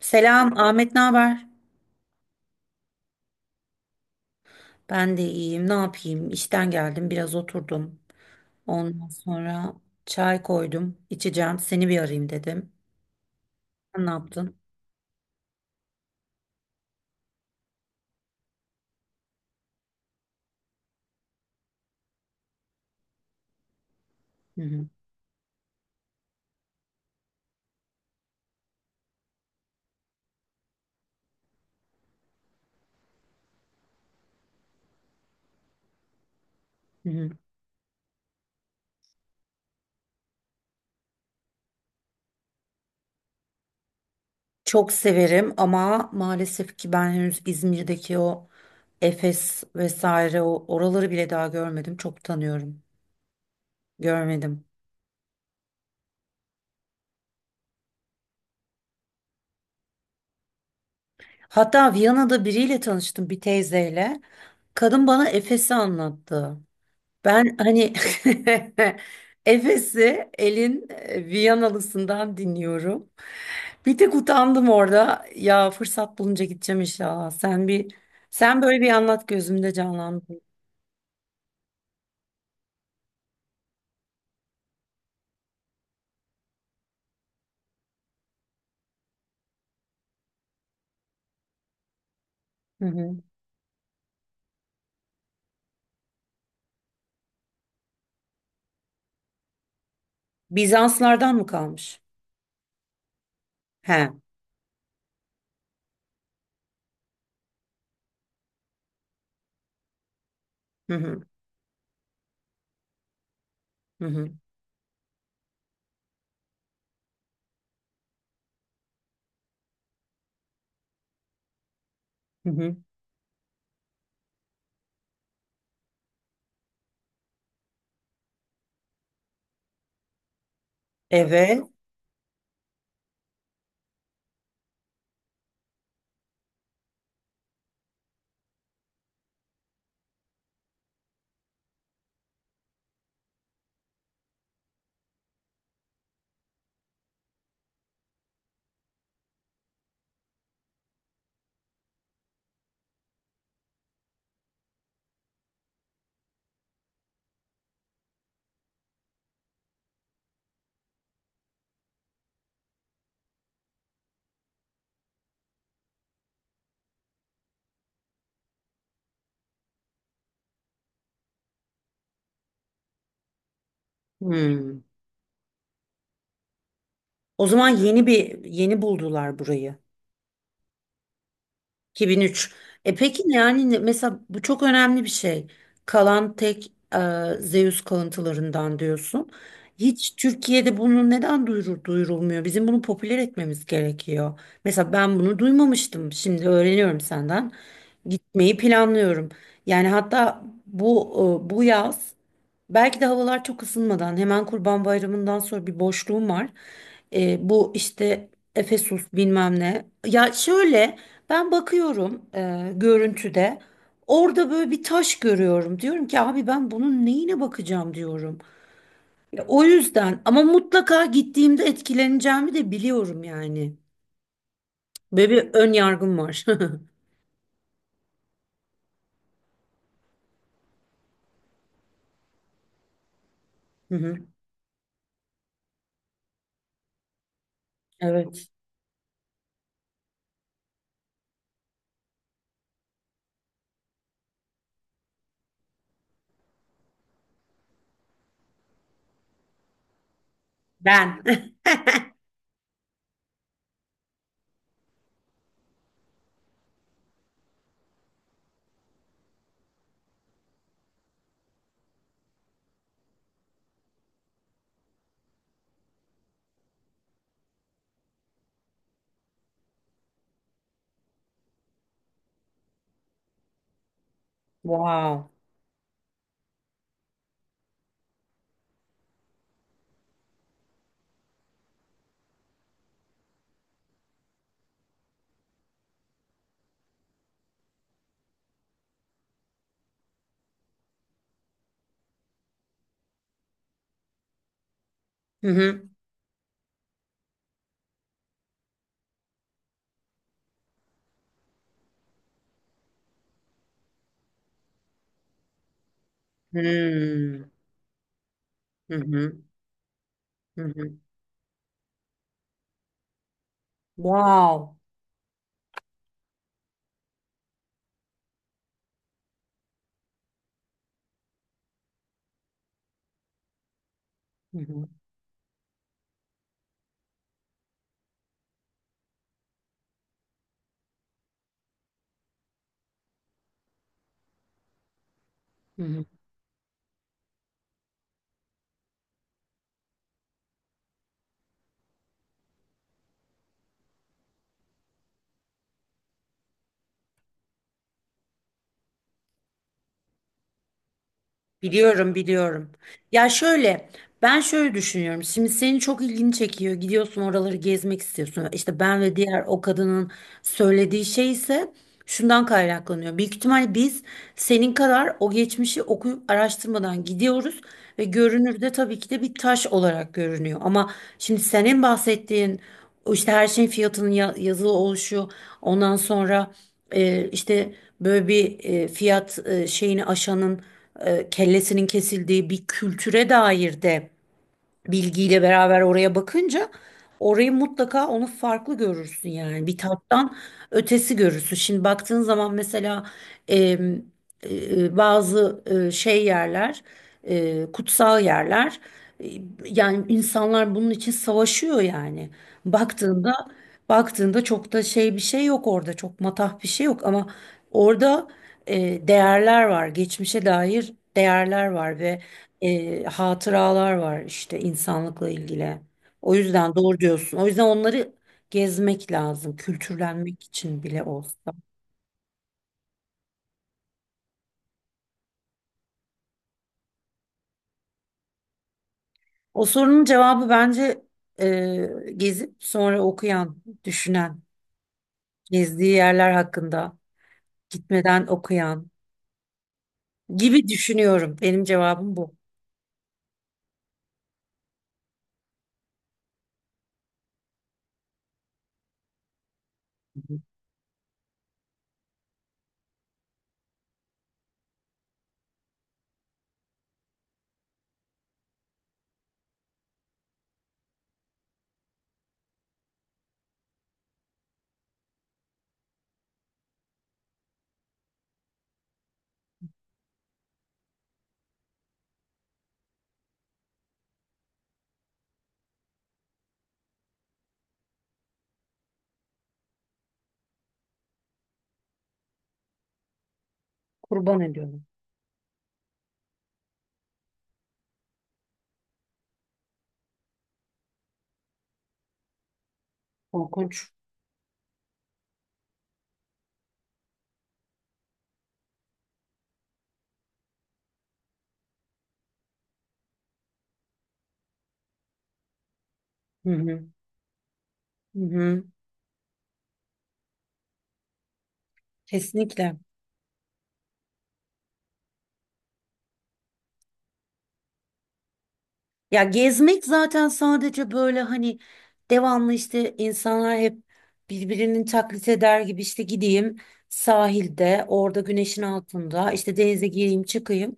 Selam Ahmet, ne haber? Ben de iyiyim. Ne yapayım? İşten geldim, biraz oturdum. Ondan sonra çay koydum, içeceğim. Seni bir arayayım dedim. Sen ne yaptın? Hı hı, hı hı. Çok severim ama maalesef ki ben henüz İzmir'deki o Efes vesaire o oraları bile daha görmedim. Çok tanıyorum. Görmedim. Hatta Viyana'da biriyle tanıştım, bir teyzeyle. Kadın bana Efes'i anlattı. Ben hani Efes'i El'in Viyanalısından dinliyorum. Bir tek utandım orada. Ya fırsat bulunca gideceğim inşallah. Sen böyle bir anlat gözümde canlandı. Hı hı. Bizanslardan mı kalmış? He. Hı hı. Hı hı. Hı hı. Evet. Hı. O zaman yeni buldular burayı. 2003. E peki mesela bu çok önemli bir şey. Kalan tek Zeus kalıntılarından diyorsun. Hiç Türkiye'de bunu neden duyurulmuyor? Bizim bunu popüler etmemiz gerekiyor. Mesela ben bunu duymamıştım. Şimdi öğreniyorum senden. Gitmeyi planlıyorum. Yani hatta bu yaz belki de havalar çok ısınmadan hemen Kurban Bayramı'ndan sonra bir boşluğum var. Bu işte Efesus bilmem ne. Ya şöyle ben bakıyorum görüntüde orada böyle bir taş görüyorum. Diyorum ki abi ben bunun neyine bakacağım diyorum. Ya o yüzden ama mutlaka gittiğimde etkileneceğimi de biliyorum yani. Böyle bir ön yargım var. Hı hı, evet. Ben. Wow. Hı hı. Hmm. Hı hı. Hı hı. Wow. Hı hı, hı hı. Biliyorum, biliyorum. Ya şöyle, ben şöyle düşünüyorum. Şimdi senin çok ilgini çekiyor. Gidiyorsun oraları gezmek istiyorsun. İşte ben ve diğer o kadının söylediği şey ise şundan kaynaklanıyor. Büyük ihtimal biz senin kadar o geçmişi okuyup araştırmadan gidiyoruz ve görünürde tabii ki de bir taş olarak görünüyor. Ama şimdi senin bahsettiğin o işte her şeyin yazılı oluşu, ondan sonra işte böyle fiyat şeyini aşanın kellesinin kesildiği bir kültüre dair de bilgiyle beraber oraya bakınca orayı mutlaka onu farklı görürsün yani bir tattan ötesi görürsün. Şimdi baktığın zaman mesela em, bazı şey yerler, kutsal yerler, e, yani insanlar bunun için savaşıyor yani baktığında baktığında çok da şey bir şey yok orada çok matah bir şey yok ama orada değerler var geçmişe dair değerler var ve hatıralar var işte insanlıkla ilgili. O yüzden doğru diyorsun. O yüzden onları gezmek lazım, kültürlenmek için bile olsa. O sorunun cevabı bence gezip sonra okuyan, düşünen, gezdiği yerler hakkında gitmeden okuyan gibi düşünüyorum. Benim cevabım bu. Kurban ediyorum. Korkunç. Hı hı. Hı hı. Kesinlikle. Ya gezmek zaten sadece böyle hani devamlı işte insanlar hep birbirinin taklit eder gibi işte gideyim sahilde orada güneşin altında işte denize gireyim çıkayım.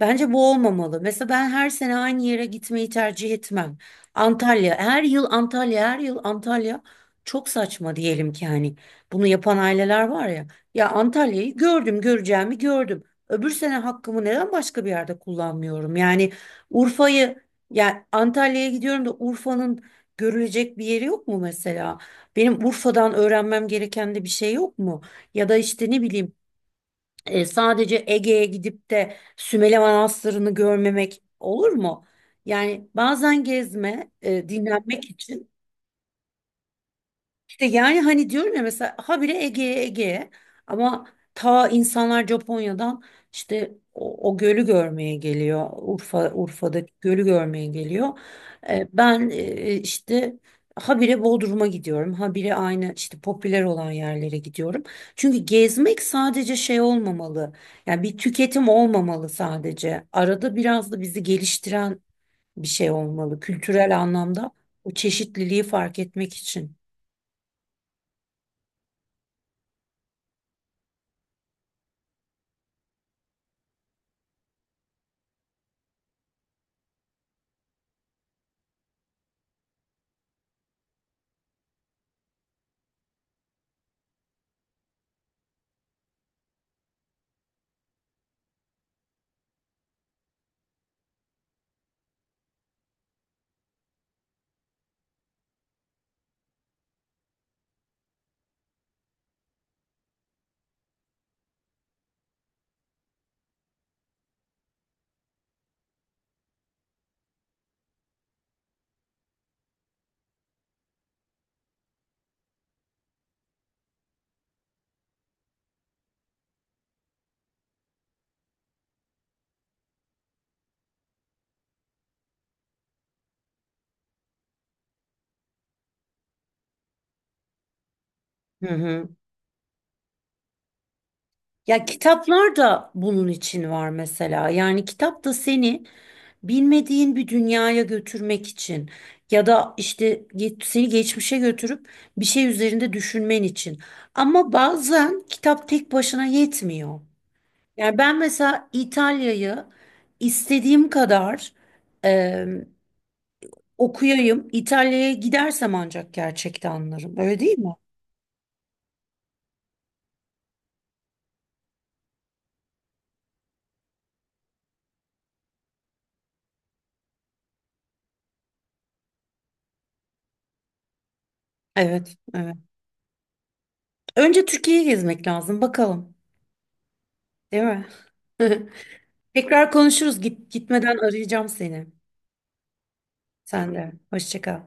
Bence bu olmamalı. Mesela ben her sene aynı yere gitmeyi tercih etmem. Antalya her yıl Antalya her yıl Antalya çok saçma diyelim ki hani bunu yapan aileler var ya. Ya Antalya'yı gördüm göreceğimi gördüm. Öbür sene hakkımı neden başka bir yerde kullanmıyorum? Yani Urfa'yı yani Antalya'ya gidiyorum da Urfa'nın görülecek bir yeri yok mu mesela? Benim Urfa'dan öğrenmem gereken de bir şey yok mu? Ya da işte ne bileyim sadece Ege'ye gidip de Sümele Manastırı'nı görmemek olur mu? Yani bazen dinlenmek için işte yani hani diyorum ya mesela habire Ege'ye ama ta insanlar Japonya'dan işte o gölü görmeye geliyor. Urfa'daki gölü görmeye geliyor. Ben işte habire Bodrum'a gidiyorum. Habire aynı işte popüler olan yerlere gidiyorum. Çünkü gezmek sadece şey olmamalı. Yani bir tüketim olmamalı sadece. Arada biraz da bizi geliştiren bir şey olmalı kültürel anlamda. O çeşitliliği fark etmek için. Hı hı. Ya kitaplar da bunun için var mesela. Yani kitap da seni bilmediğin bir dünyaya götürmek için ya da işte seni geçmişe götürüp bir şey üzerinde düşünmen için. Ama bazen kitap tek başına yetmiyor. Yani ben mesela İtalya'yı istediğim kadar e, okuyayım. İtalya'ya gidersem ancak gerçekten anlarım. Öyle değil mi? Evet, evet. Önce Türkiye'yi gezmek lazım bakalım, değil mi? Tekrar konuşuruz. Git, gitmeden arayacağım seni. Sen de. Hoşça kal.